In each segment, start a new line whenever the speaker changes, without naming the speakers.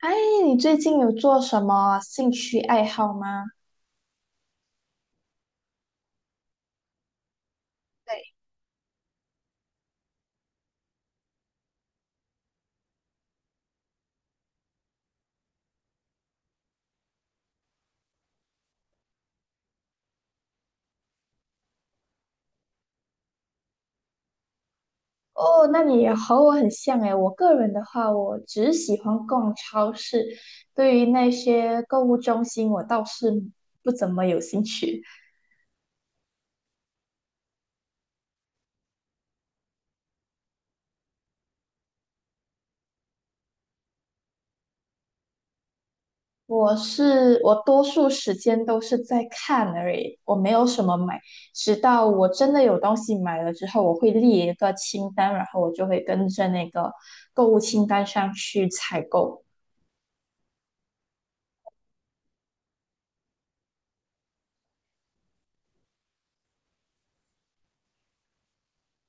哎，你最近有做什么兴趣爱好吗？对。哦，那你也和我很像诶。我个人的话，我只喜欢逛超市，对于那些购物中心，我倒是不怎么有兴趣。我多数时间都是在看而已，我没有什么买。直到我真的有东西买了之后，我会列一个清单，然后我就会跟着那个购物清单上去采购。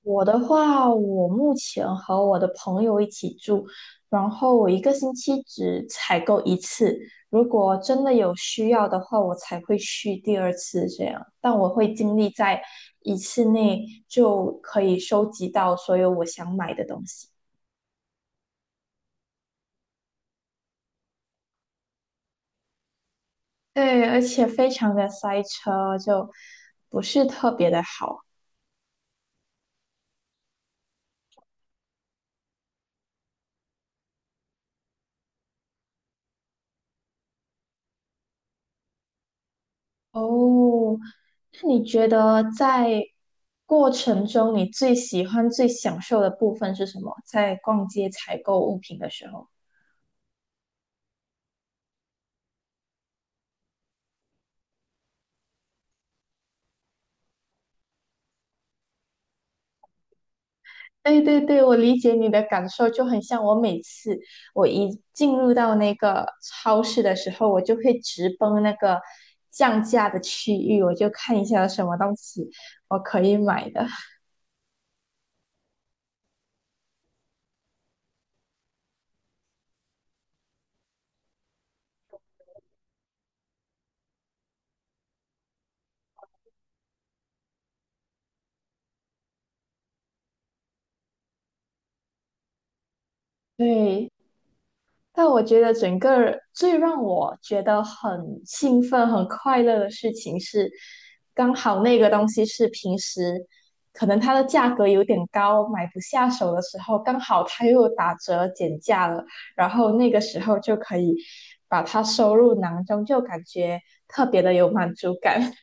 我的话，我目前和我的朋友一起住，然后我一个星期只采购一次，如果真的有需要的话，我才会去第二次这样。但我会尽力在一次内就可以收集到所有我想买的东西。对，而且非常的塞车，就不是特别的好。哦，那你觉得在过程中，你最喜欢、最享受的部分是什么？在逛街采购物品的时候？对对对，我理解你的感受，就很像我每次我一进入到那个超市的时候，我就会直奔那个降价的区域，我就看一下有什么东西我可以买的。对，但我觉得整个最让我觉得很兴奋、很快乐的事情是，刚好那个东西是平时可能它的价格有点高，买不下手的时候，刚好它又打折减价了，然后那个时候就可以把它收入囊中，就感觉特别的有满足感。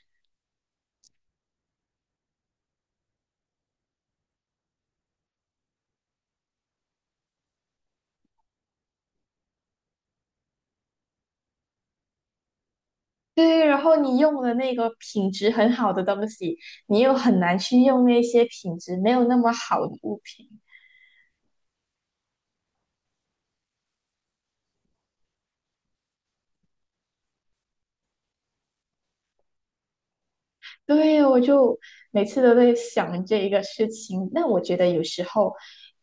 对，然后你用的那个品质很好的东西，你又很难去用那些品质没有那么好的物品。对，我就每次都在想这一个事情。那我觉得有时候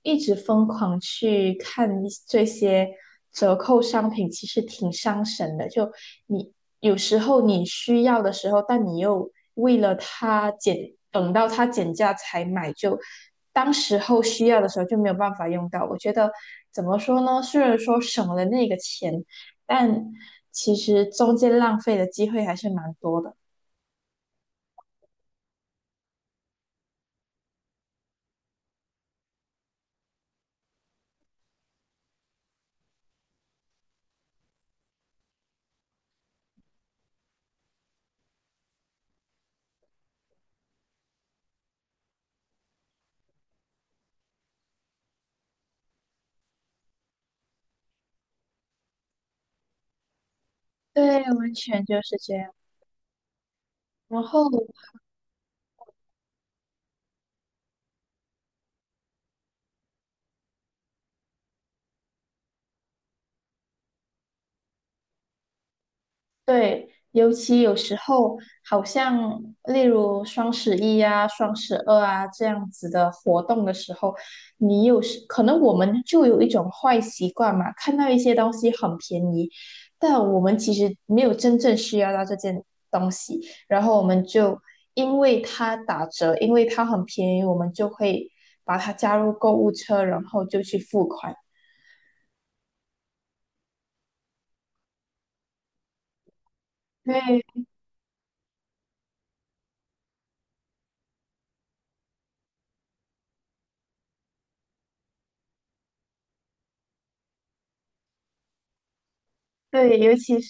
一直疯狂去看一这些折扣商品，其实挺伤神的。就你有时候你需要的时候，但你又为了它减，等到它减价才买，就当时候需要的时候就没有办法用到。我觉得怎么说呢？虽然说省了那个钱，但其实中间浪费的机会还是蛮多的。对，完全就是这样。然后，对，尤其有时候，好像例如双十一啊、双十二啊这样子的活动的时候，你有时可能我们就有一种坏习惯嘛，看到一些东西很便宜，但我们其实没有真正需要到这件东西，然后我们就因为它打折，因为它很便宜，我们就会把它加入购物车，然后就去付款。对对，尤其是。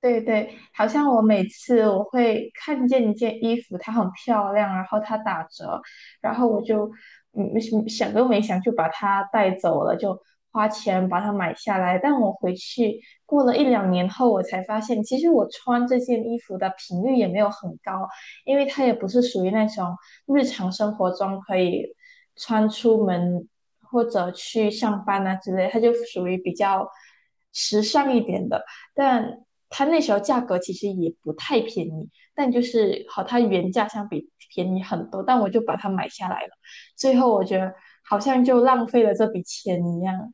对对，好像我每次我会看见一件衣服，它很漂亮，然后它打折，然后我想想都没想就把它带走了，就花钱把它买下来。但我回去过了一两年后，我才发现，其实我穿这件衣服的频率也没有很高，因为它也不是属于那种日常生活中可以穿出门或者去上班啊之类，它就属于比较时尚一点的。但它那时候价格其实也不太便宜，但就是和它原价相比便宜很多，但我就把它买下来了。最后我觉得好像就浪费了这笔钱一样，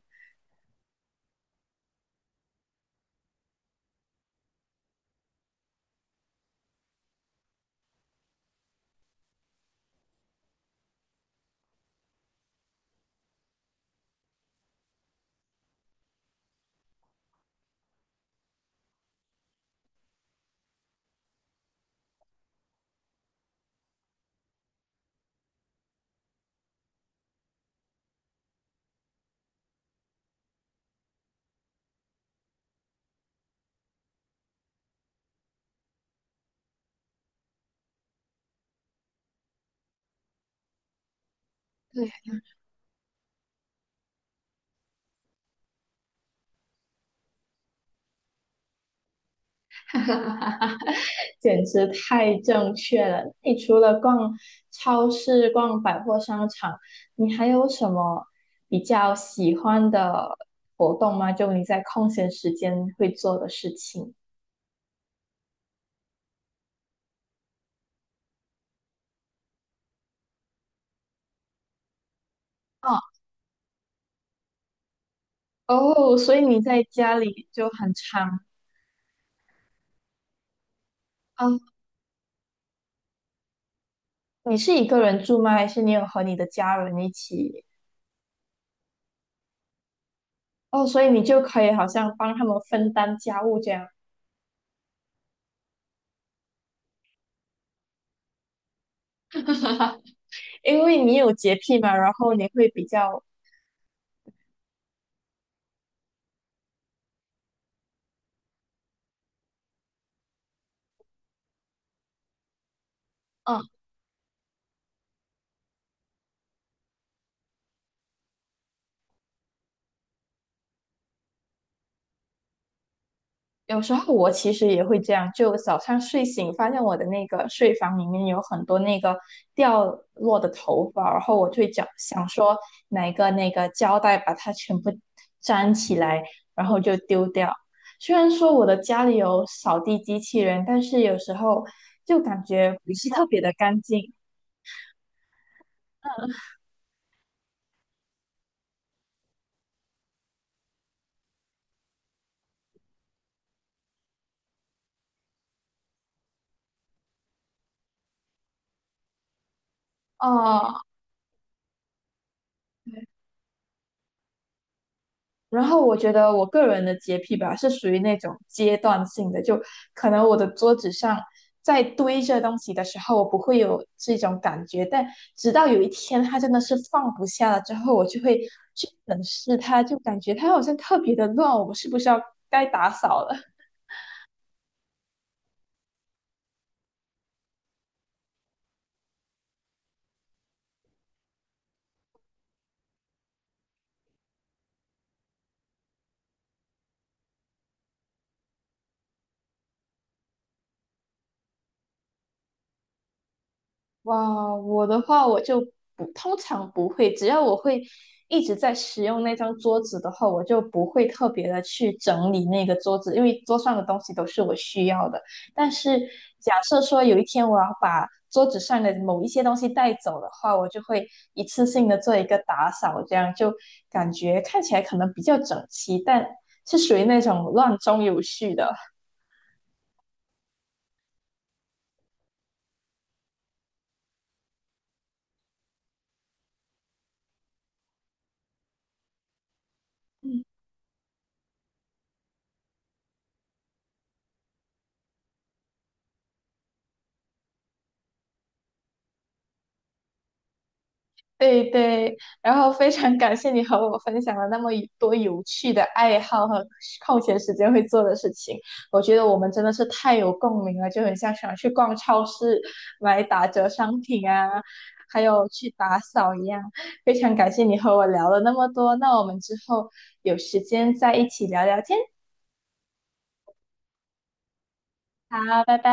对。简直太正确了。你除了逛超市、逛百货商场，你还有什么比较喜欢的活动吗？就你在空闲时间会做的事情。哦。哦，所以你在家里就很常啊。你是一个人住吗？还是你有和你的家人一起？哦，所以你就可以好像帮他们分担家务这样，因为你有洁癖嘛，然后你会比较，嗯。有时候我其实也会这样，就早上睡醒发现我的那个睡房里面有很多那个掉落的头发，然后我就想想说拿一个那个胶带把它全部粘起来，然后就丢掉。虽然说我的家里有扫地机器人，但是有时候就感觉不是特别的干净。哦。然后我觉得我个人的洁癖吧，是属于那种阶段性的，就可能我的桌子上在堆着东西的时候，我不会有这种感觉，但直到有一天它真的是放不下了之后，我就会去审视它，就感觉它好像特别的乱，我是不是要该打扫了？哇，我的话我就不通常不会，只要我会一直在使用那张桌子的话，我就不会特别的去整理那个桌子，因为桌上的东西都是我需要的。但是假设说有一天我要把桌子上的某一些东西带走的话，我就会一次性的做一个打扫，这样就感觉看起来可能比较整齐，但是属于那种乱中有序的。嗯。对对，然后非常感谢你和我分享了那么一多有趣的爱好和空闲时间会做的事情，我觉得我们真的是太有共鸣了，就很像想去逛超市买打折商品啊，还有去打扫一样。非常感谢你和我聊了那么多，那我们之后有时间再一起聊聊天。好，拜拜。